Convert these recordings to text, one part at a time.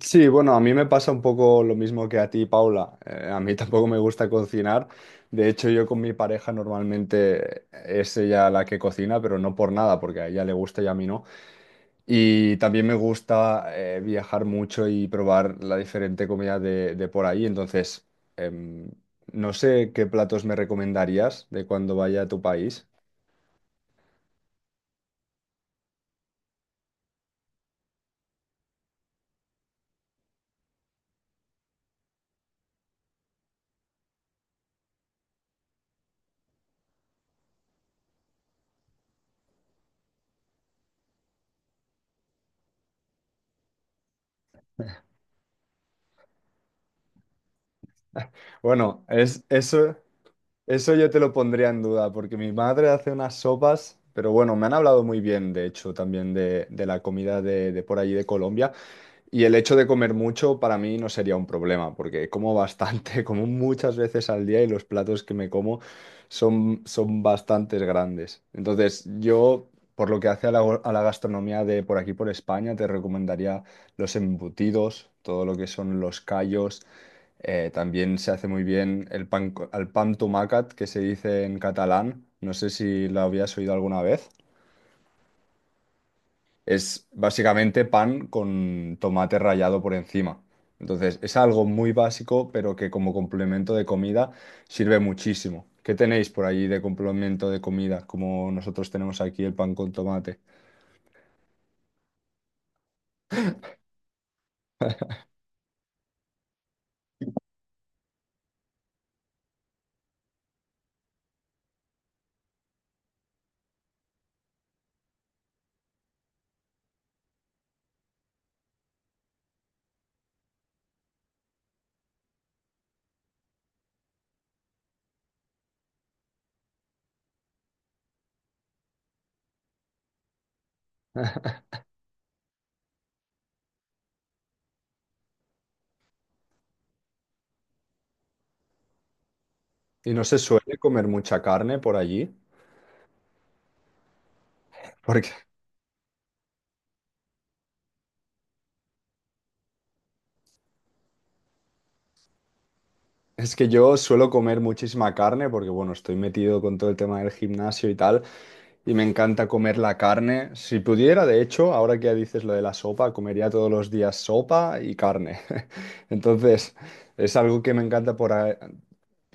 Sí, bueno, a mí me pasa un poco lo mismo que a ti, Paula. A mí tampoco me gusta cocinar. De hecho, yo con mi pareja normalmente es ella la que cocina, pero no por nada, porque a ella le gusta y a mí no. Y también me gusta viajar mucho y probar la diferente comida de por ahí. Entonces, em, no sé qué platos me recomendarías de cuando vaya a tu país. Bueno, es eso. Eso yo te lo pondría en duda, porque mi madre hace unas sopas, pero bueno, me han hablado muy bien, de hecho, también de la comida de por allí de Colombia, y el hecho de comer mucho para mí no sería un problema, porque como bastante, como muchas veces al día y los platos que me como son bastantes grandes. Entonces, yo, por lo que hace a a la gastronomía de por aquí, por España, te recomendaría los embutidos, todo lo que son los callos. También se hace muy bien el pan, al pan tomacat, que se dice en catalán. No sé si lo habías oído alguna vez. Es básicamente pan con tomate rallado por encima. Entonces, es algo muy básico, pero que como complemento de comida sirve muchísimo. ¿Qué tenéis por allí de complemento de comida, como nosotros tenemos aquí el pan con tomate? Y no se suele comer mucha carne por allí, porque es que yo suelo comer muchísima carne, porque bueno, estoy metido con todo el tema del gimnasio y tal. Y me encanta comer la carne. Si pudiera, de hecho, ahora que ya dices lo de la sopa, comería todos los días sopa y carne. Entonces, es algo que me encanta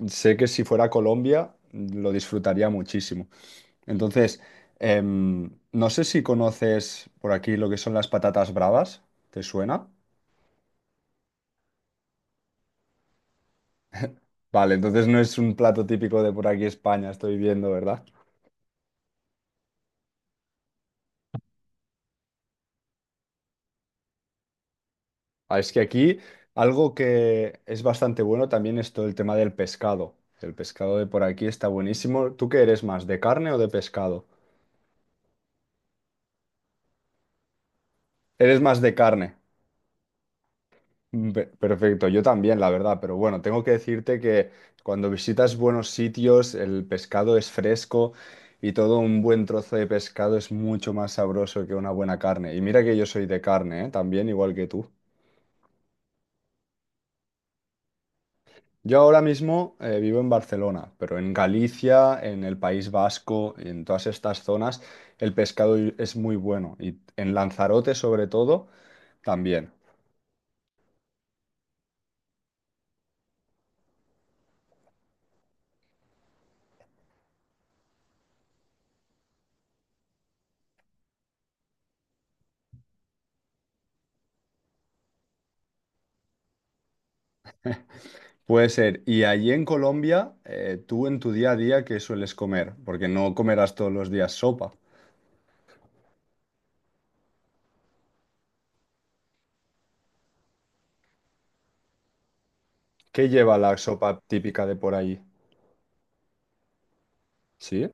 Sé que si fuera a Colombia, lo disfrutaría muchísimo. Entonces, no sé si conoces por aquí lo que son las patatas bravas. ¿Te suena? Vale, entonces no es un plato típico de por aquí España, estoy viendo, ¿verdad? Ah, es que aquí algo que es bastante bueno también es todo el tema del pescado. El pescado de por aquí está buenísimo. ¿Tú qué eres más, de carne o de pescado? Eres más de carne. Mm, perfecto, yo también, la verdad, pero bueno, tengo que decirte que cuando visitas buenos sitios, el pescado es fresco y todo un buen trozo de pescado es mucho más sabroso que una buena carne. Y mira que yo soy de carne, ¿eh? También, igual que tú. Yo ahora mismo vivo en Barcelona, pero en Galicia, en el País Vasco, en todas estas zonas, el es muy bueno. Y en Lanzarote, sobre todo, también. Puede ser. Y allí en Colombia, tú en tu día a día, ¿qué sueles comer? Porque no comerás todos los días sopa. ¿Qué lleva la sopa típica de por allí? ¿Sí?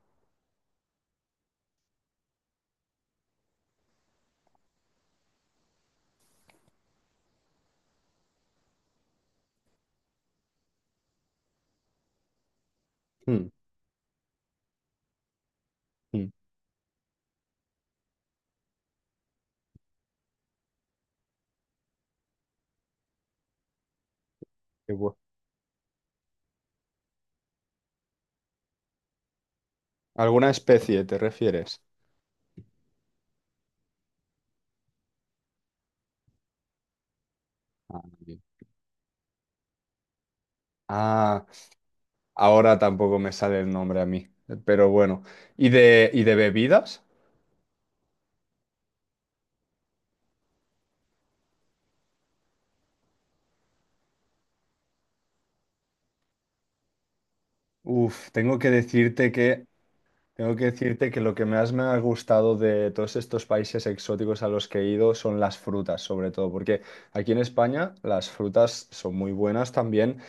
Mm, mm, qué bu- ¿alguna especie te refieres? Ah, bien. Ah, ahora tampoco me sale el nombre a mí, pero bueno. ¿Y y de bebidas? Uf, tengo que decirte que lo que más me ha gustado de todos estos países exóticos a los que he ido son las frutas, sobre todo, porque aquí en España las frutas son muy buenas también,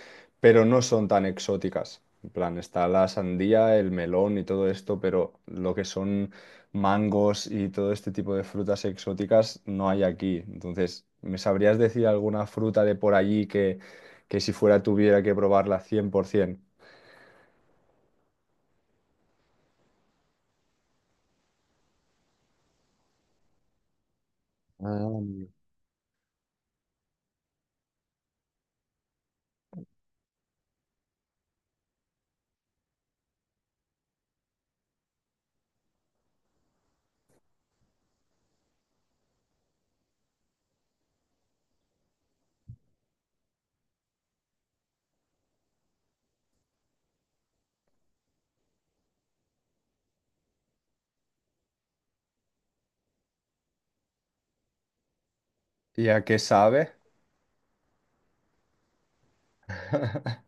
pero no son tan exóticas. En plan, está la sandía, el melón y todo esto, pero lo que son mangos y todo este tipo de frutas exóticas no hay aquí. Entonces, ¿me sabrías decir alguna fruta de por allí que si fuera tuviera que probarla 100%? Ah, ¿y a qué sabe?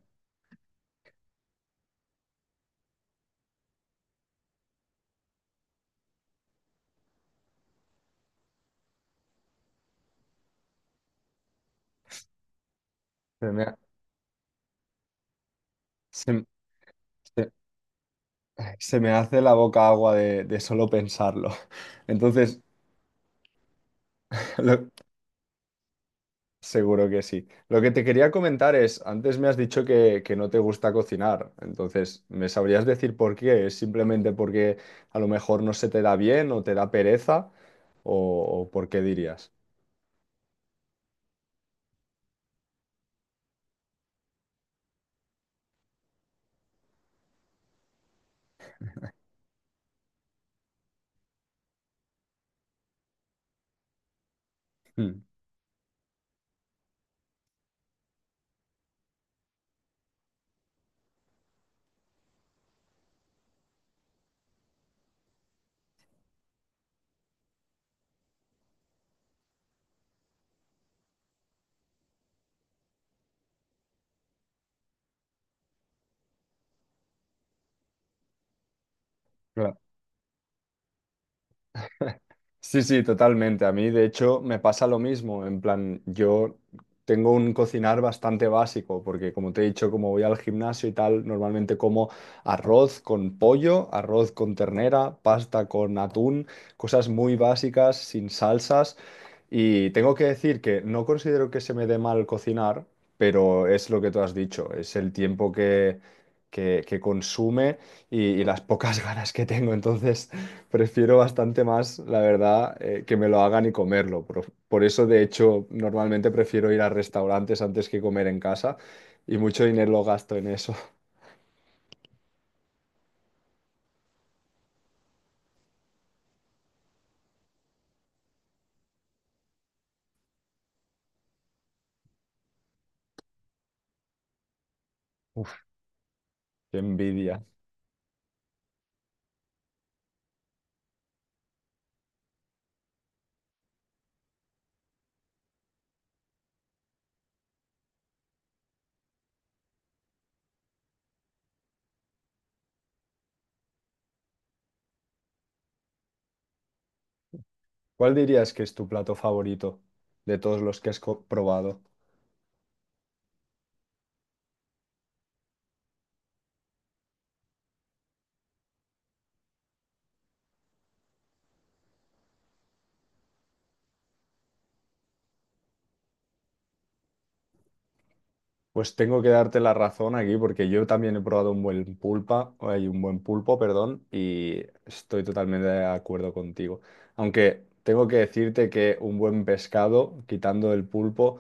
Se me, ha- se- se- se me hace la boca agua de solo pensarlo. Entonces, lo- seguro que sí. Lo que te quería comentar es, antes me has dicho que no te gusta cocinar. Entonces, ¿me sabrías decir por qué? ¿Es simplemente porque a lo mejor no se te da bien o te da pereza? ¿O, o por qué dirías? Mm, claro. Sí, sí, totalmente. A mí, de hecho, me pasa lo mismo. En plan, yo tengo un cocinar bastante básico, porque como te he dicho, como voy al gimnasio y tal, normalmente como arroz con pollo, arroz con ternera, pasta con atún, cosas muy básicas, sin salsas. Y tengo que decir que no considero que se me dé mal cocinar, pero es lo que tú has dicho, es el tiempo que consume y las pocas ganas que tengo. Entonces, prefiero bastante más, la verdad, que me lo hagan y comerlo. Por eso, de hecho, normalmente prefiero ir a restaurantes antes que comer en casa y mucho dinero lo gasto en eso. Uf, qué envidia. ¿Cuál dirías que es tu plato favorito de todos los que has probado? Pues tengo que darte la razón aquí porque yo también he probado un buen pulpa, hay un buen pulpo, perdón, y estoy totalmente de acuerdo contigo. Aunque tengo que decirte que un buen pescado, quitando el pulpo,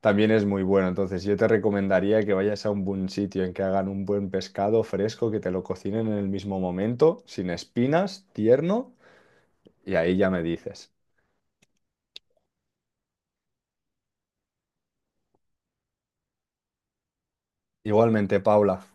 también es muy bueno. Entonces yo te recomendaría que vayas a un buen sitio en que hagan un buen pescado fresco, que te lo cocinen en el mismo momento, sin espinas, tierno, y ahí ya me dices. Igualmente, Paula.